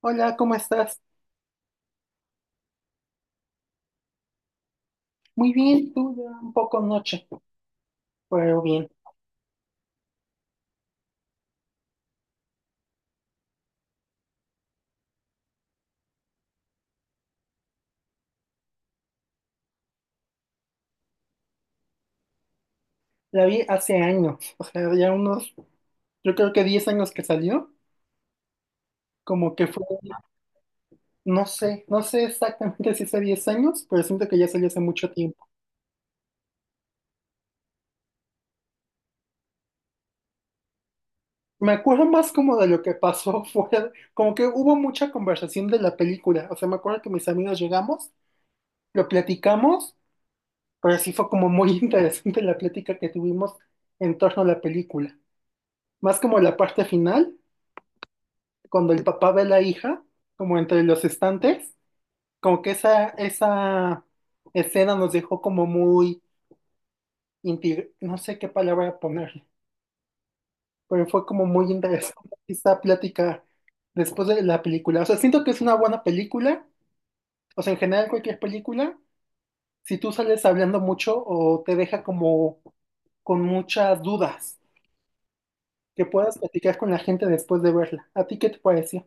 Hola, ¿cómo estás? Muy bien, tú ya un poco noche, pero bien. La vi hace años, o sea, ya unos, yo creo que 10 años que salió, como que fue, no sé, no sé exactamente si hace 10 años, pero siento que ya salió hace mucho tiempo. Me acuerdo más como de lo que pasó fuera, como que hubo mucha conversación de la película, o sea, me acuerdo que mis amigos llegamos, lo platicamos, pero sí fue como muy interesante la plática que tuvimos en torno a la película, más como la parte final. Cuando el papá ve a la hija, como entre los estantes, como que esa escena nos dejó como muy, no sé qué palabra ponerle, pero fue como muy interesante esta plática después de la película. O sea, siento que es una buena película, o sea, en general cualquier película, si tú sales hablando mucho o te deja como con muchas dudas, que puedas platicar con la gente después de verla. ¿A ti qué te pareció?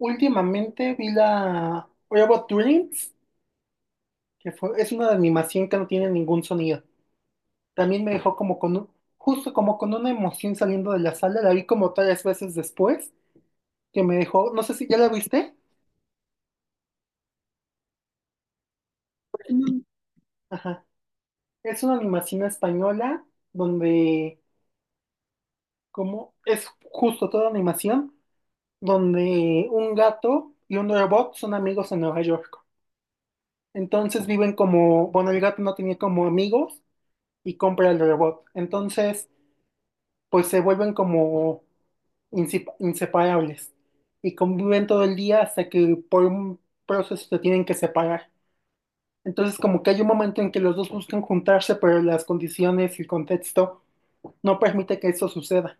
Últimamente vi la Robot Dreams es una animación que no tiene ningún sonido. También me dejó como con justo como con una emoción saliendo de la sala, la vi como tres veces después, que me dejó, no sé si ya la viste. No. Ajá. Es una animación española donde, como es justo toda animación, donde un gato y un robot son amigos en Nueva York. Entonces viven como, bueno, el gato no tenía como amigos y compra el robot. Entonces, pues se vuelven como inseparables y conviven todo el día hasta que por un proceso se tienen que separar. Entonces, como que hay un momento en que los dos buscan juntarse, pero las condiciones y el contexto no permite que eso suceda.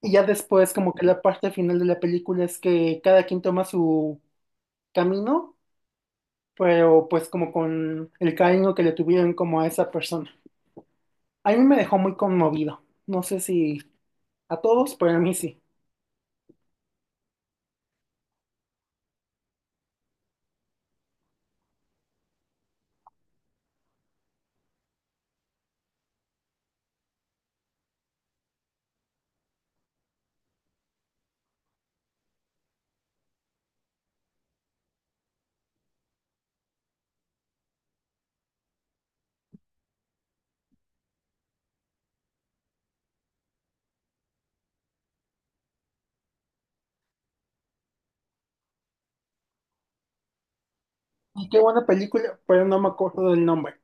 Y ya después, como que la parte final de la película es que cada quien toma su camino, pero pues como con el cariño que le tuvieron como a esa persona. A mí me dejó muy conmovido. No sé si a todos, pero a mí sí. Y qué buena película, pero no me acuerdo del nombre.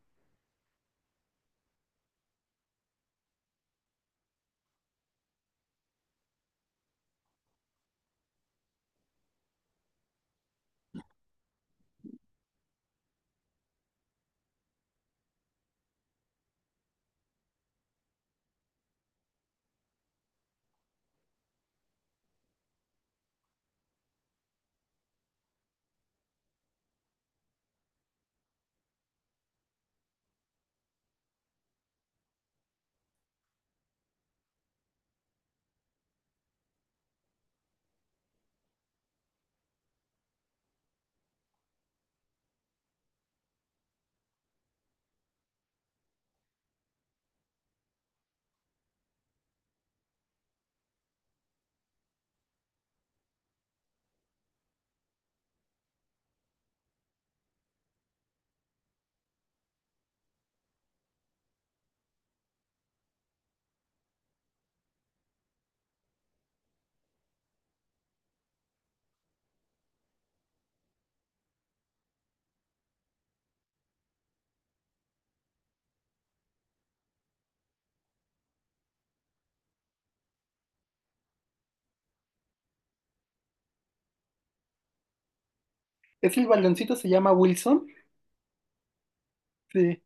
Es el baloncito, se llama Wilson. Sí.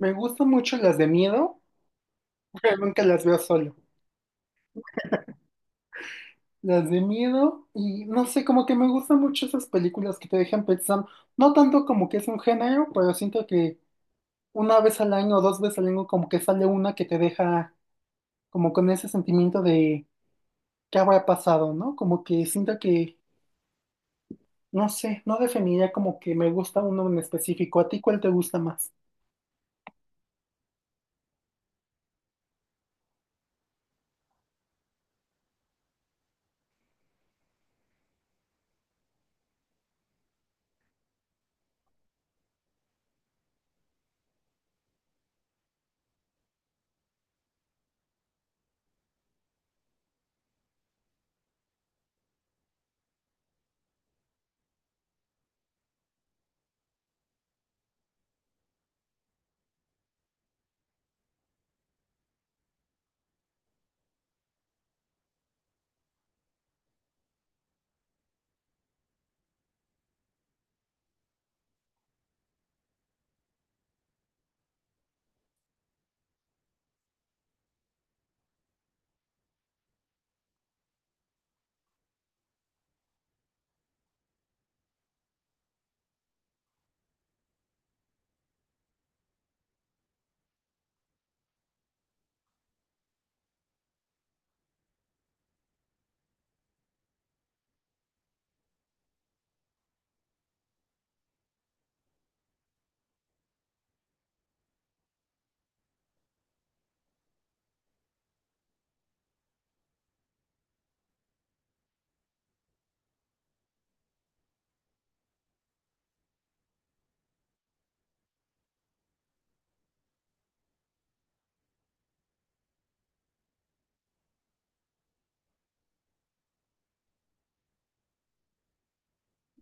Me gustan mucho las de miedo, pero nunca las veo solo. Las de miedo y no sé, como que me gustan mucho esas películas que te dejan pensando, no tanto como que es un género, pero siento que una vez al año o dos veces al año como que sale una que te deja como con ese sentimiento de qué habrá pasado, ¿no? Como que siento que, no sé, no definiría como que me gusta uno en específico. ¿A ti cuál te gusta más?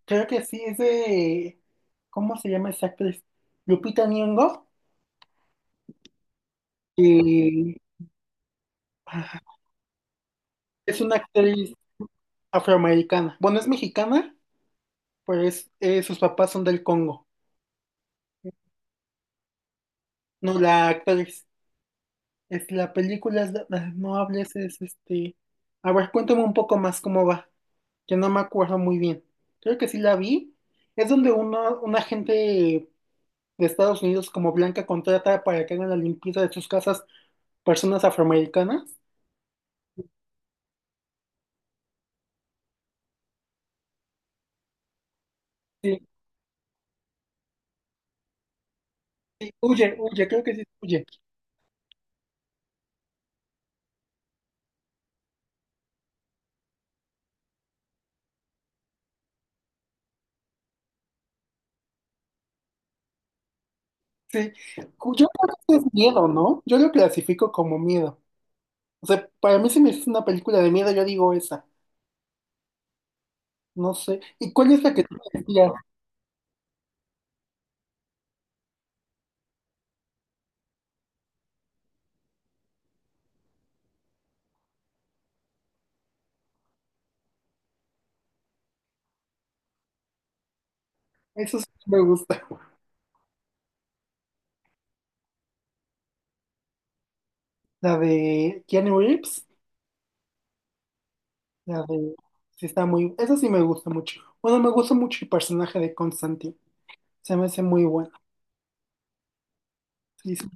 Creo que sí, es de, ¿cómo se llama esa actriz? Lupita Nyong'o, y ah, es una actriz afroamericana. Bueno, es mexicana, pero es, sus papás son del Congo. No, la actriz. Es la película, es no hables, es este... A ver, cuéntame un poco más cómo va, que no me acuerdo muy bien. Creo que sí la vi. Es donde uno, un agente de Estados Unidos como Blanca contrata para que hagan la limpieza de sus casas personas afroamericanas. Sí, sí, huye, huye, creo que sí, huye. Sí. Yo creo que es miedo, ¿no? Yo lo clasifico como miedo. O sea, para mí si me dices una película de miedo, yo digo esa. No sé. ¿Y cuál es la que tú me decías? Eso sí me gusta. La de Keanu Reeves. La de... Sí, está muy... Eso sí me gusta mucho. Bueno, me gusta mucho el personaje de Constantine. Se me hace muy bueno. Sí, sí.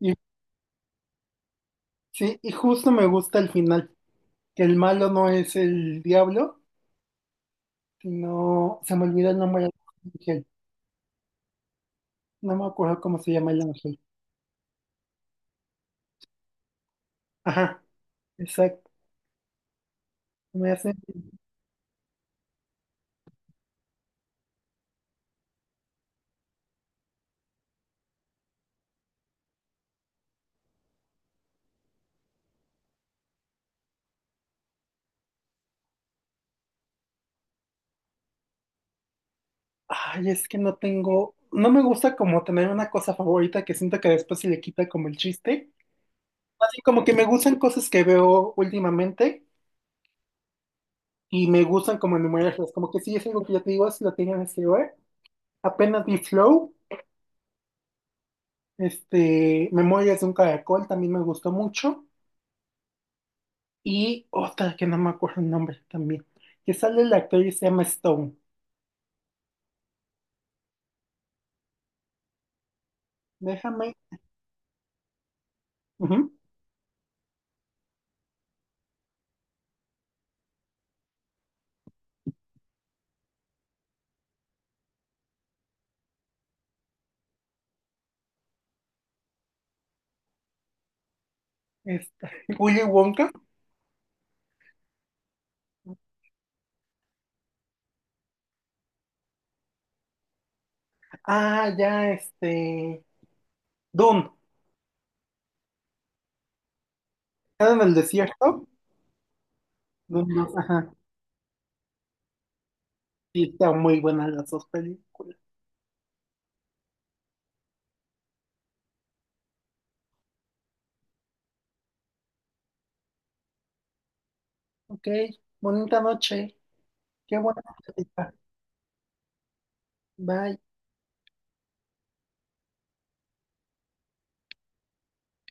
Y, sí, y justo me gusta el final. Que el malo no es el diablo, sino... Se me olvidó el nombre. No me acuerdo cómo se llama el ángel. Ajá, exacto. Me hace. Ay, es que no tengo. No me gusta como tener una cosa favorita que siento que después se le quita como el chiste. Así como que me gustan cosas que veo últimamente y me gustan como enumerarlas. Como que sí es algo que ya te digo, si lo tenía en este lugar. Apenas vi Flow, este, Memorias de un Caracol también me gustó mucho. Y otra que no me acuerdo el nombre también. Que sale el actor y se llama Stone. Déjame. Ujú. Esta. Willy Wonka. Ah, ya, este. Dune. ¿Era en el desierto? Dune 2, ajá. Sí, están muy buenas las dos películas. Ok, bonita noche. Qué buena plática. Bye.